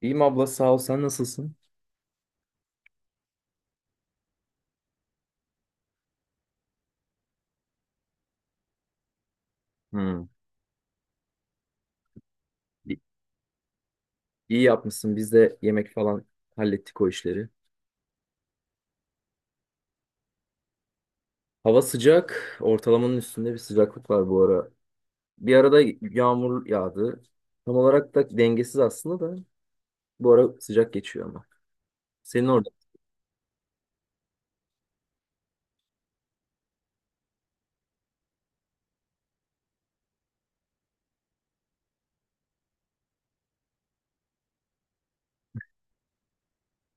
İyiyim abla sağ ol sen nasılsın? Hmm. İ- İyi yapmışsın biz de yemek falan hallettik o işleri. Hava sıcak, ortalamanın üstünde bir sıcaklık var bu ara. Bir arada yağmur yağdı. Tam olarak da dengesiz aslında da, bu ara sıcak geçiyor ama. Senin orada.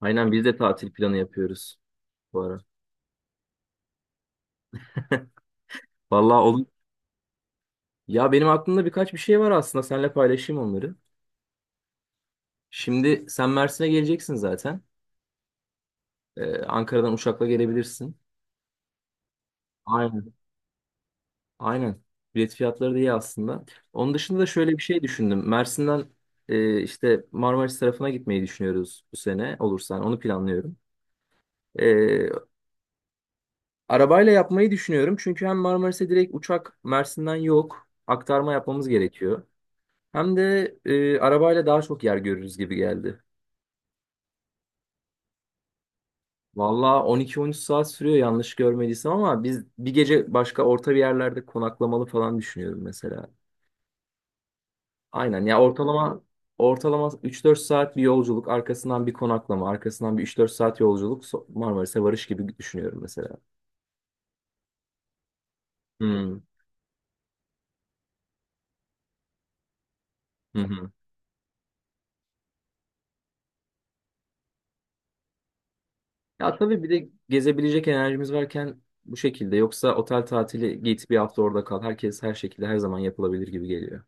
Aynen, biz de tatil planı yapıyoruz bu ara. Vallahi olur. Ya benim aklımda birkaç bir şey var aslında, seninle paylaşayım onları. Şimdi sen Mersin'e geleceksin zaten. Ankara'dan uçakla gelebilirsin. Aynen. Aynen. Bilet fiyatları da iyi aslında. Onun dışında da şöyle bir şey düşündüm. Mersin'den işte Marmaris tarafına gitmeyi düşünüyoruz bu sene olursa. Yani onu planlıyorum. E, arabayla yapmayı düşünüyorum. Çünkü hem Marmaris'e direkt uçak Mersin'den yok. Aktarma yapmamız gerekiyor. Hem de arabayla daha çok yer görürüz gibi geldi. Valla 12-13 saat sürüyor yanlış görmediysem, ama biz bir gece başka orta bir yerlerde konaklamalı falan düşünüyorum mesela. Aynen ya, ortalama 3-4 saat bir yolculuk, arkasından bir konaklama, arkasından bir 3-4 saat yolculuk, Marmaris'e varış gibi düşünüyorum mesela. Hmm. Hı hı. Ya tabii bir de gezebilecek enerjimiz varken bu şekilde, yoksa otel tatili git bir hafta orada kal. Herkes her şekilde her zaman yapılabilir gibi geliyor.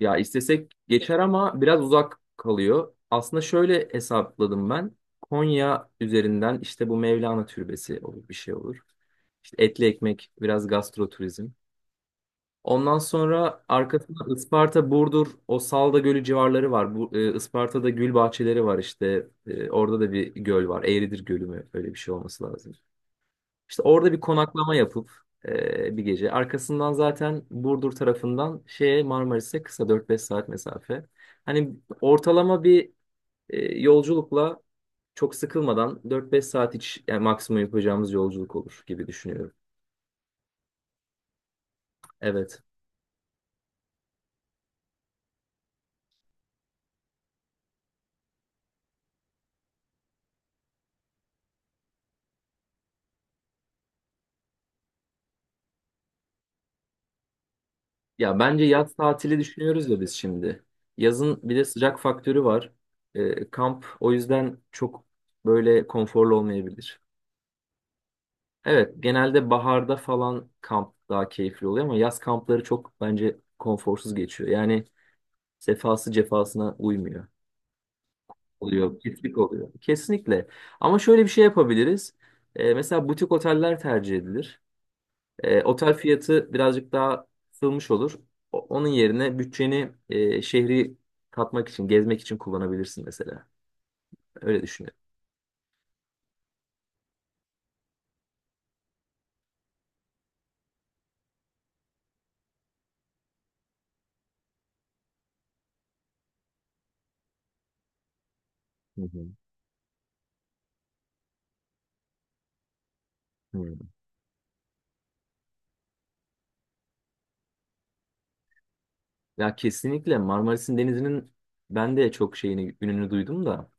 Ya istesek geçer ama biraz uzak kalıyor. Aslında şöyle hesapladım ben. Konya üzerinden işte bu Mevlana Türbesi olur, bir şey olur. İşte etli ekmek, biraz gastro turizm. Ondan sonra arkasında Isparta, Burdur, o Salda Gölü civarları var. Bu Isparta'da gül bahçeleri var işte. Orada da bir göl var. Eğridir Gölü mü? Öyle bir şey olması lazım. İşte orada bir konaklama yapıp bir gece. Arkasından zaten Burdur tarafından şeye, Marmaris'e kısa 4-5 saat mesafe. Hani ortalama bir yolculukla, çok sıkılmadan 4-5 saat iç yani maksimum yapacağımız yolculuk olur gibi düşünüyorum. Evet. Ya bence yaz tatili düşünüyoruz ya biz şimdi. Yazın bir de sıcak faktörü var. Kamp o yüzden çok böyle konforlu olmayabilir. Evet, genelde baharda falan kamp daha keyifli oluyor, ama yaz kampları çok bence konforsuz geçiyor. Yani sefası cefasına uymuyor. Oluyor, pislik oluyor. Kesinlikle. Ama şöyle bir şey yapabiliriz. Mesela butik oteller tercih edilir. Otel fiyatı birazcık daha kısılmış olur. Onun yerine bütçeni şehri tatmak için, gezmek için kullanabilirsin mesela. Öyle düşünüyorum. Hı hı. Hı. Ya kesinlikle Marmaris'in denizinin ben de çok şeyini, ününü duydum da.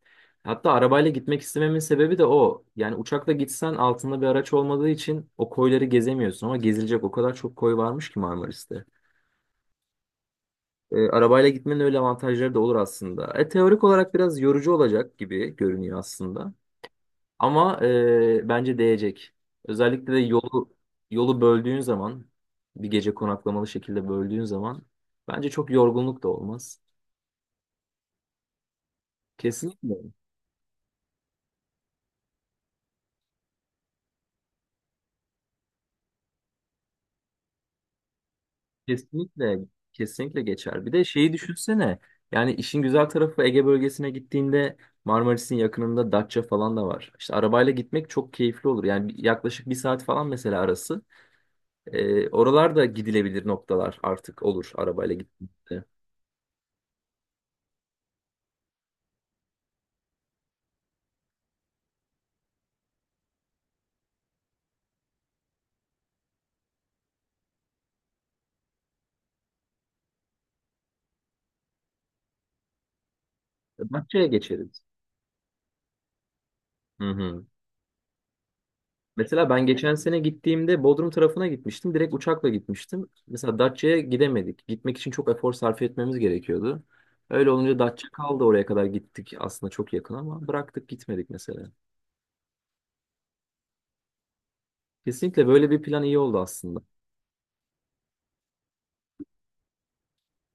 Hatta arabayla gitmek istememin sebebi de o. Yani uçakla gitsen altında bir araç olmadığı için o koyları gezemiyorsun, ama gezilecek o kadar çok koy varmış ki Marmaris'te. Arabayla gitmenin öyle avantajları da olur aslında. Teorik olarak biraz yorucu olacak gibi görünüyor aslında. Ama bence değecek. Özellikle de yolu böldüğün zaman, bir gece konaklamalı şekilde böldüğün zaman bence çok yorgunluk da olmaz. Kesinlikle. Kesinlikle. Kesinlikle geçer. Bir de şeyi düşünsene. Yani işin güzel tarafı, Ege bölgesine gittiğinde Marmaris'in yakınında Datça falan da var. İşte arabayla gitmek çok keyifli olur. Yani yaklaşık bir saat falan mesela arası. Oralar da gidilebilir noktalar artık olur arabayla gittiğimizde. Datça'ya geçeriz. Hı hı. Mesela ben geçen sene gittiğimde Bodrum tarafına gitmiştim. Direkt uçakla gitmiştim. Mesela Datça'ya gidemedik. Gitmek için çok efor sarf etmemiz gerekiyordu. Öyle olunca Datça kaldı, oraya kadar gittik. Aslında çok yakın ama bıraktık, gitmedik mesela. Kesinlikle böyle bir plan iyi oldu aslında.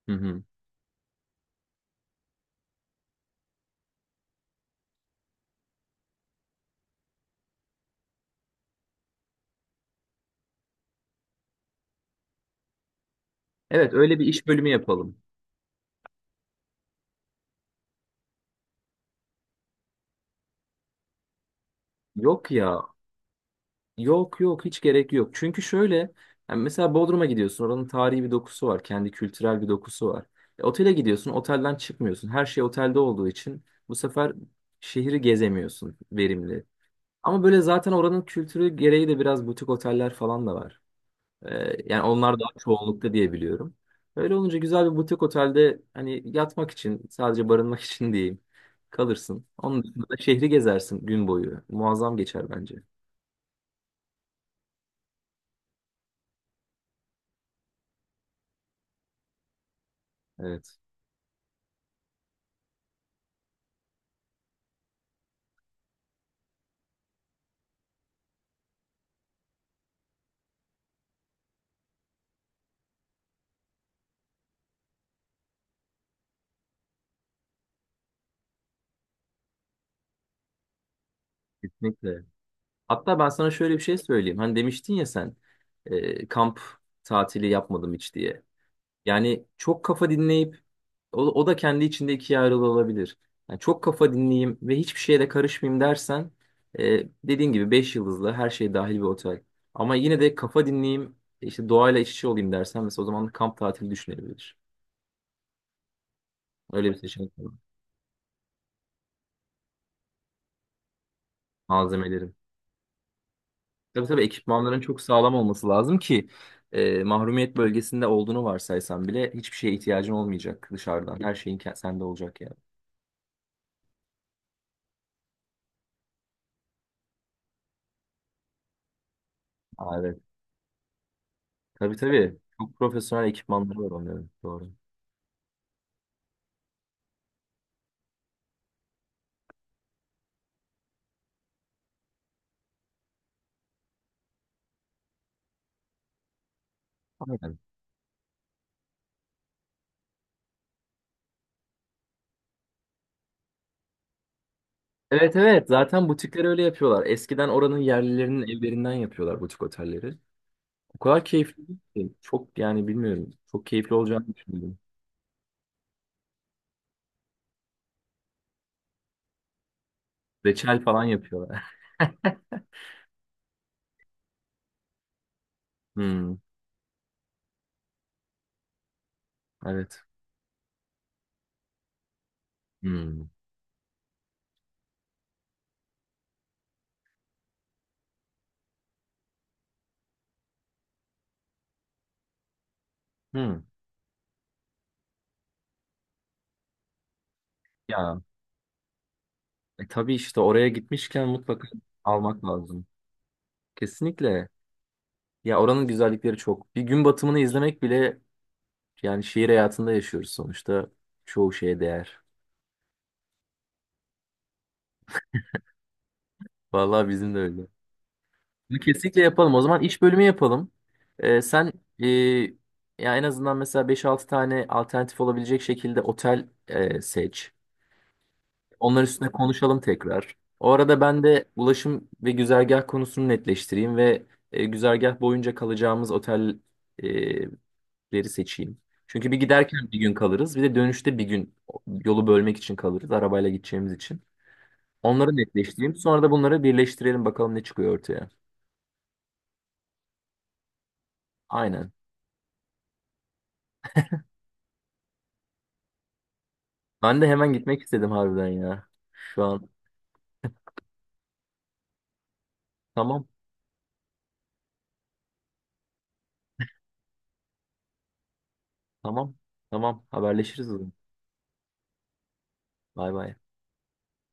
Hı hı. Evet, öyle bir iş bölümü yapalım. Yok ya. Yok yok, hiç gerek yok. Çünkü şöyle, yani mesela Bodrum'a gidiyorsun, oranın tarihi bir dokusu var. Kendi kültürel bir dokusu var. Otele gidiyorsun, otelden çıkmıyorsun. Her şey otelde olduğu için bu sefer şehri gezemiyorsun verimli. Ama böyle zaten oranın kültürü gereği de biraz butik oteller falan da var. Yani onlar daha çoğunlukta diye biliyorum. Öyle olunca güzel bir butik otelde, hani yatmak için, sadece barınmak için diyeyim, kalırsın. Onun dışında da şehri gezersin gün boyu. Muazzam geçer bence. Evet. Kesinlikle. Hatta ben sana şöyle bir şey söyleyeyim. Hani demiştin ya sen kamp tatili yapmadım hiç diye. Yani çok kafa dinleyip, o da kendi içinde ikiye ayrılabilir. Yani çok kafa dinleyeyim ve hiçbir şeye de karışmayayım dersen, dediğin gibi 5 yıldızlı her şey dahil bir otel. Ama yine de kafa dinleyeyim, işte doğayla iç içe olayım dersen, mesela o zaman kamp tatili düşünebilir. Öyle bir seçenek var. Malzemelerim. Tabii tabii, ekipmanların çok sağlam olması lazım ki mahrumiyet bölgesinde olduğunu varsaysan bile hiçbir şeye ihtiyacın olmayacak dışarıdan. Her şeyin sende olacak yani. Aa, evet. Tabii tabii. Çok profesyonel ekipmanları var onların. Doğru. Aynen. Evet evet. Zaten butikleri öyle yapıyorlar. Eskiden oranın yerlilerinin evlerinden yapıyorlar butik otelleri. O kadar keyifli ki. Çok, yani bilmiyorum. Çok keyifli olacağını düşündüm. Reçel falan yapıyorlar. Hmm, evet. Hmm. Hmm. Ya. Tabii işte oraya gitmişken mutlaka almak lazım. Kesinlikle. Ya oranın güzellikleri çok. Bir gün batımını izlemek bile, yani şehir hayatında yaşıyoruz sonuçta. Çoğu şeye değer. Vallahi bizim de öyle. Bunu kesinlikle yapalım. O zaman iş bölümü yapalım. Sen e, ya en azından mesela 5-6 tane alternatif olabilecek şekilde otel seç. Onlar üstüne konuşalım tekrar. O arada ben de ulaşım ve güzergah konusunu netleştireyim ve güzergah boyunca kalacağımız otelleri seçeyim. Çünkü bir giderken bir gün kalırız, bir de dönüşte bir gün yolu bölmek için kalırız, arabayla gideceğimiz için. Onları netleştireyim. Sonra da bunları birleştirelim, bakalım ne çıkıyor ortaya. Aynen. Ben de hemen gitmek istedim harbiden ya. Şu an. Tamam, tamam, tamam. Haberleşiriz o zaman. Bay bay.